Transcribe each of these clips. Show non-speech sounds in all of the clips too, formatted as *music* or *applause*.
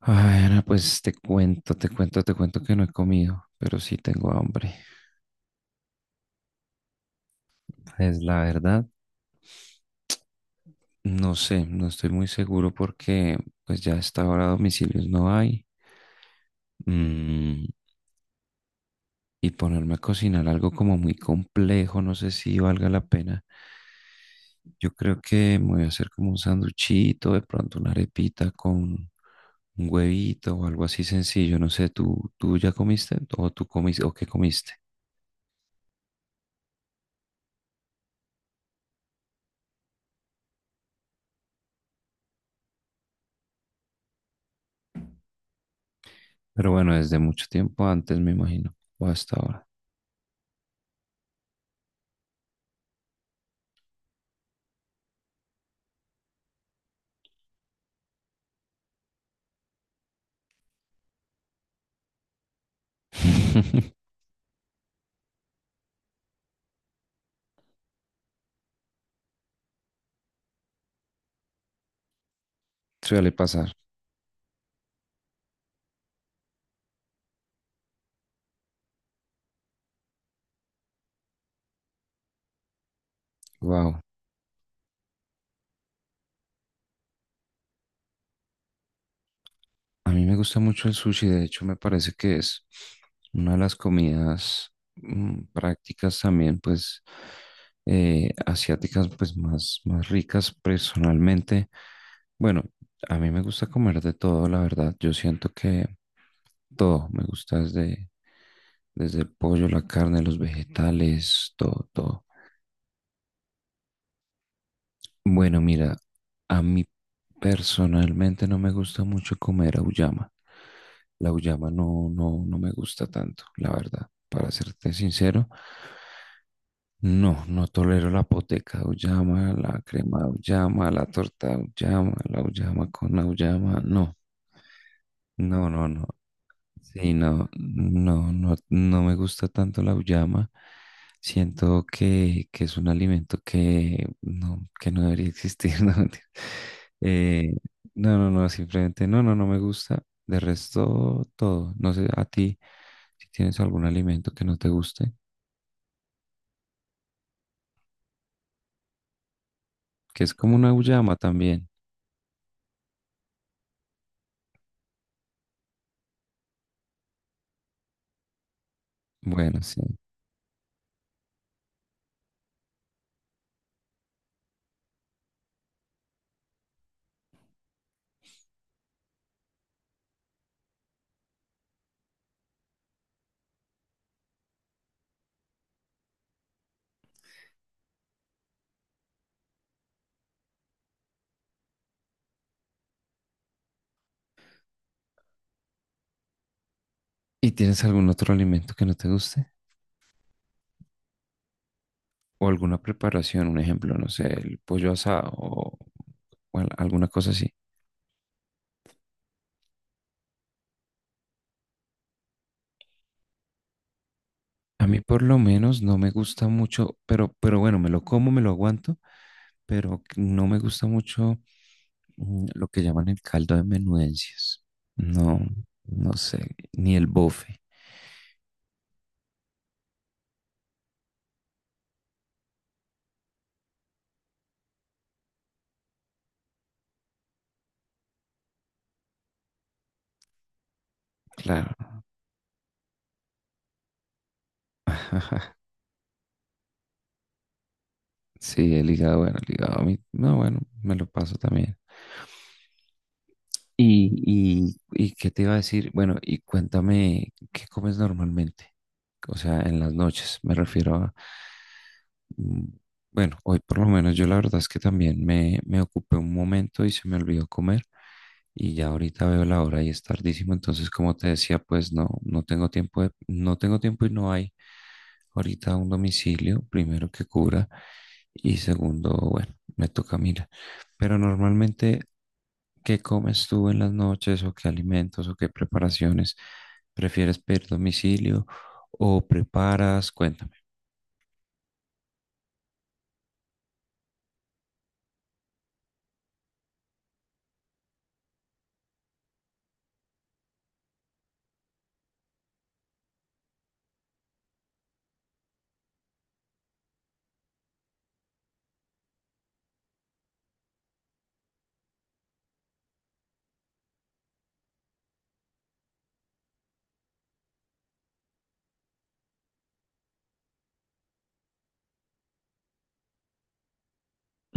Ay, Ana, pues te cuento que no he comido, pero sí tengo hambre. Es la verdad, no sé, no estoy muy seguro porque pues ya hasta ahora domicilios no hay. Mm, y ponerme a cocinar algo como muy complejo, no sé si valga la pena. Yo creo que me voy a hacer como un sanduchito, de pronto una arepita con un huevito o algo así sencillo. No sé, ¿tú ya comiste o tú comiste o qué comiste? Pero bueno, desde mucho tiempo antes, me imagino, o hasta ahora. *laughs* Suele pasar. Wow. A mí me gusta mucho el sushi, de hecho, me parece que es una de las comidas prácticas también, pues, asiáticas, pues, más, más ricas personalmente. Bueno, a mí me gusta comer de todo, la verdad. Yo siento que todo me gusta desde, el pollo, la carne, los vegetales, todo, todo. Bueno, mira, a mí personalmente no me gusta mucho comer auyama. La auyama no, no, no me gusta tanto, la verdad. Para serte sincero, no, no tolero la poteca de auyama, la crema de auyama, la torta de auyama, la auyama con auyama, no. No, no, no. Sí, no, no, no, no me gusta tanto la auyama. Siento que es un alimento que no debería existir. *laughs* No, mentira. Eh, no, no, no, simplemente no, no, no me gusta. De resto, todo. No sé, a ti, si tienes algún alimento que no te guste, que es como una auyama también. Bueno, sí. ¿Y tienes algún otro alimento que no te guste? ¿O alguna preparación? Un ejemplo, no sé, el pollo asado o alguna cosa así. A mí por lo menos no me gusta mucho, pero bueno, me lo como, me lo aguanto, pero que no me gusta mucho lo que llaman el caldo de menudencias. No, no sé, ni el bofe, claro. *laughs* Sí, el hígado, bueno, el hígado a mí, no, bueno, me lo paso también. Y qué te iba a decir, bueno, y cuéntame, ¿qué comes normalmente? O sea, en las noches, me refiero a, mm, bueno, hoy por lo menos yo la verdad es que también me ocupé un momento y se me olvidó comer y ya ahorita veo la hora y es tardísimo, entonces como te decía, pues no, no tengo tiempo y no hay ahorita un domicilio, primero que cubra y segundo, bueno, me toca mirar. Pero normalmente, ¿qué comes tú en las noches o qué alimentos o qué preparaciones? ¿Prefieres pedir domicilio o preparas? Cuéntame.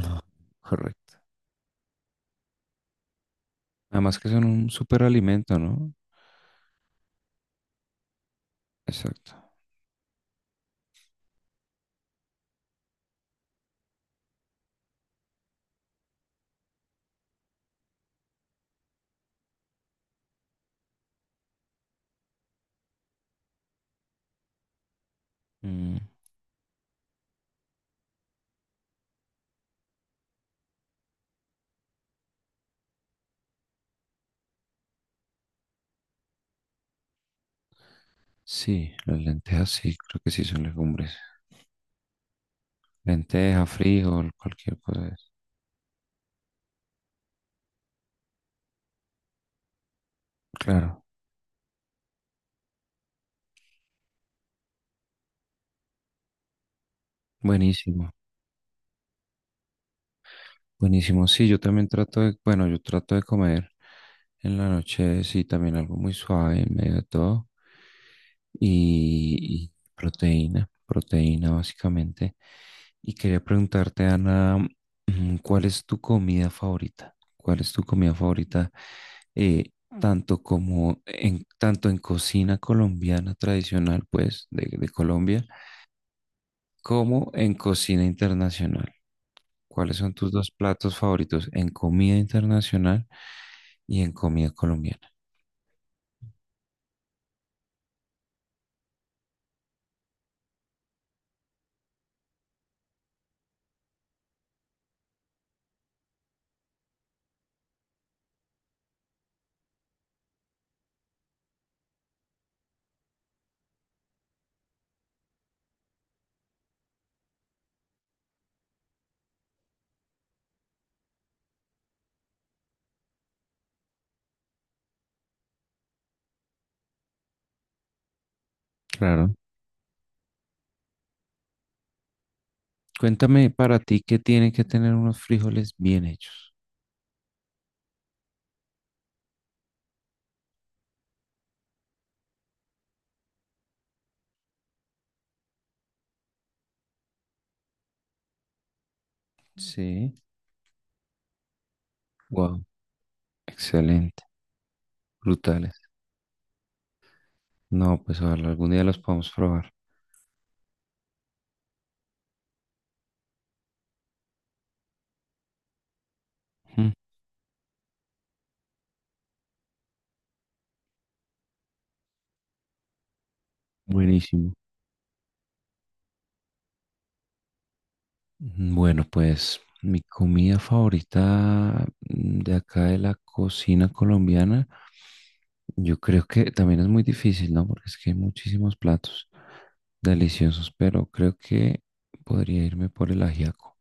Ah, correcto. Además que son un súper alimento, ¿no? Exacto. Mm, sí, las lentejas sí, creo que sí son legumbres. Lenteja, frijol, cualquier cosa de eso. Claro, buenísimo. Buenísimo. Sí, yo también trato de, bueno, yo trato de comer en la noche, sí, también algo muy suave en medio de todo. Y proteína, proteína básicamente. Y quería preguntarte, Ana, ¿cuál es tu comida favorita? ¿Cuál es tu comida favorita? eh, tanto en cocina colombiana tradicional, pues, de Colombia, como en cocina internacional. ¿Cuáles son tus dos platos favoritos en comida internacional y en comida colombiana? Claro. Cuéntame para ti qué tienen que tener unos frijoles bien hechos. Sí. Wow, excelente, brutales. No, pues ojalá algún día los podamos probar. Mm. Buenísimo. Bueno, pues mi comida favorita de acá de la cocina colombiana, yo creo que también es muy difícil, ¿no? Porque es que hay muchísimos platos deliciosos, pero creo que podría irme por el ajiaco.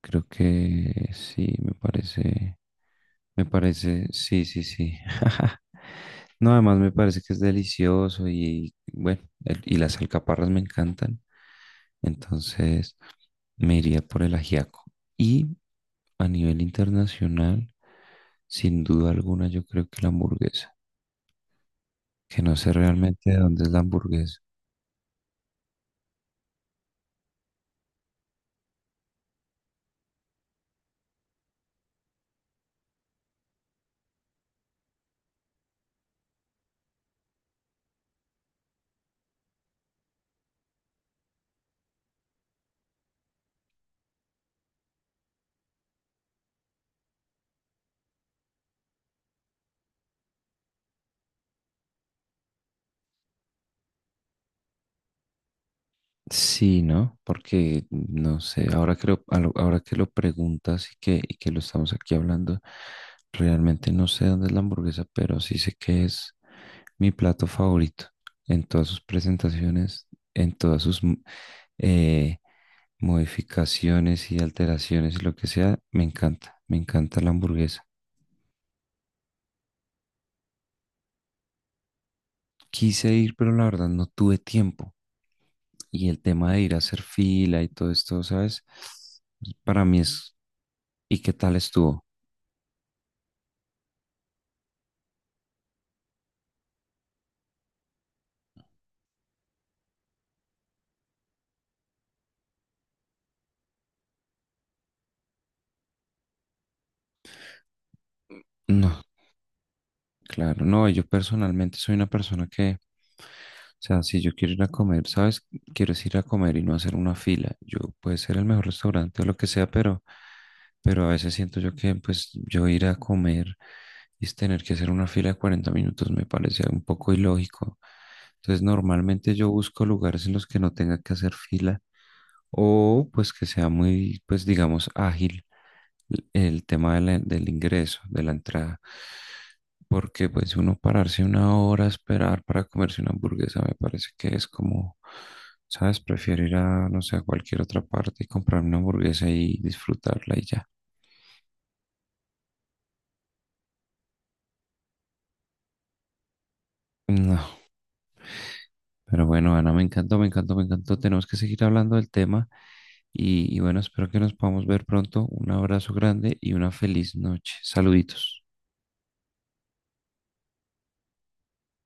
Creo que sí, me parece, sí, sí, sí. *laughs* No, además me parece que es delicioso y bueno, y las alcaparras me encantan, entonces me iría por el ajiaco. Y a nivel internacional, sin duda alguna, yo creo que la hamburguesa, que no sé realmente de dónde es la hamburguesa. Sí, ¿no? Porque no sé, ahora que lo preguntas y que, lo estamos aquí hablando, realmente no sé dónde es la hamburguesa, pero sí sé que es mi plato favorito en todas sus presentaciones, en todas sus eh, modificaciones y alteraciones y lo que sea, me encanta la hamburguesa. Quise ir, pero la verdad no tuve tiempo. Y el tema de ir a hacer fila y todo esto, ¿sabes? Para mí es, ¿y qué tal estuvo? No, claro, no, yo personalmente soy una persona que, o sea, si yo quiero ir a comer, ¿sabes? Quiero es ir a comer y no hacer una fila. Yo puede ser el mejor restaurante o lo que sea, pero a veces siento yo que, pues, yo ir a comer y es tener que hacer una fila de 40 minutos me parece un poco ilógico. Entonces, normalmente yo busco lugares en los que no tenga que hacer fila o pues que sea muy, pues digamos, ágil el tema de del ingreso, de la entrada. Porque pues uno pararse una hora a esperar para comerse una hamburguesa me parece que es como, ¿sabes? Prefiero ir a, no sé, a cualquier otra parte y comprar una hamburguesa y disfrutarla y ya. No, pero bueno, Ana, me encantó, me encantó, me encantó. Tenemos que seguir hablando del tema y bueno, espero que nos podamos ver pronto. Un abrazo grande y una feliz noche. Saluditos.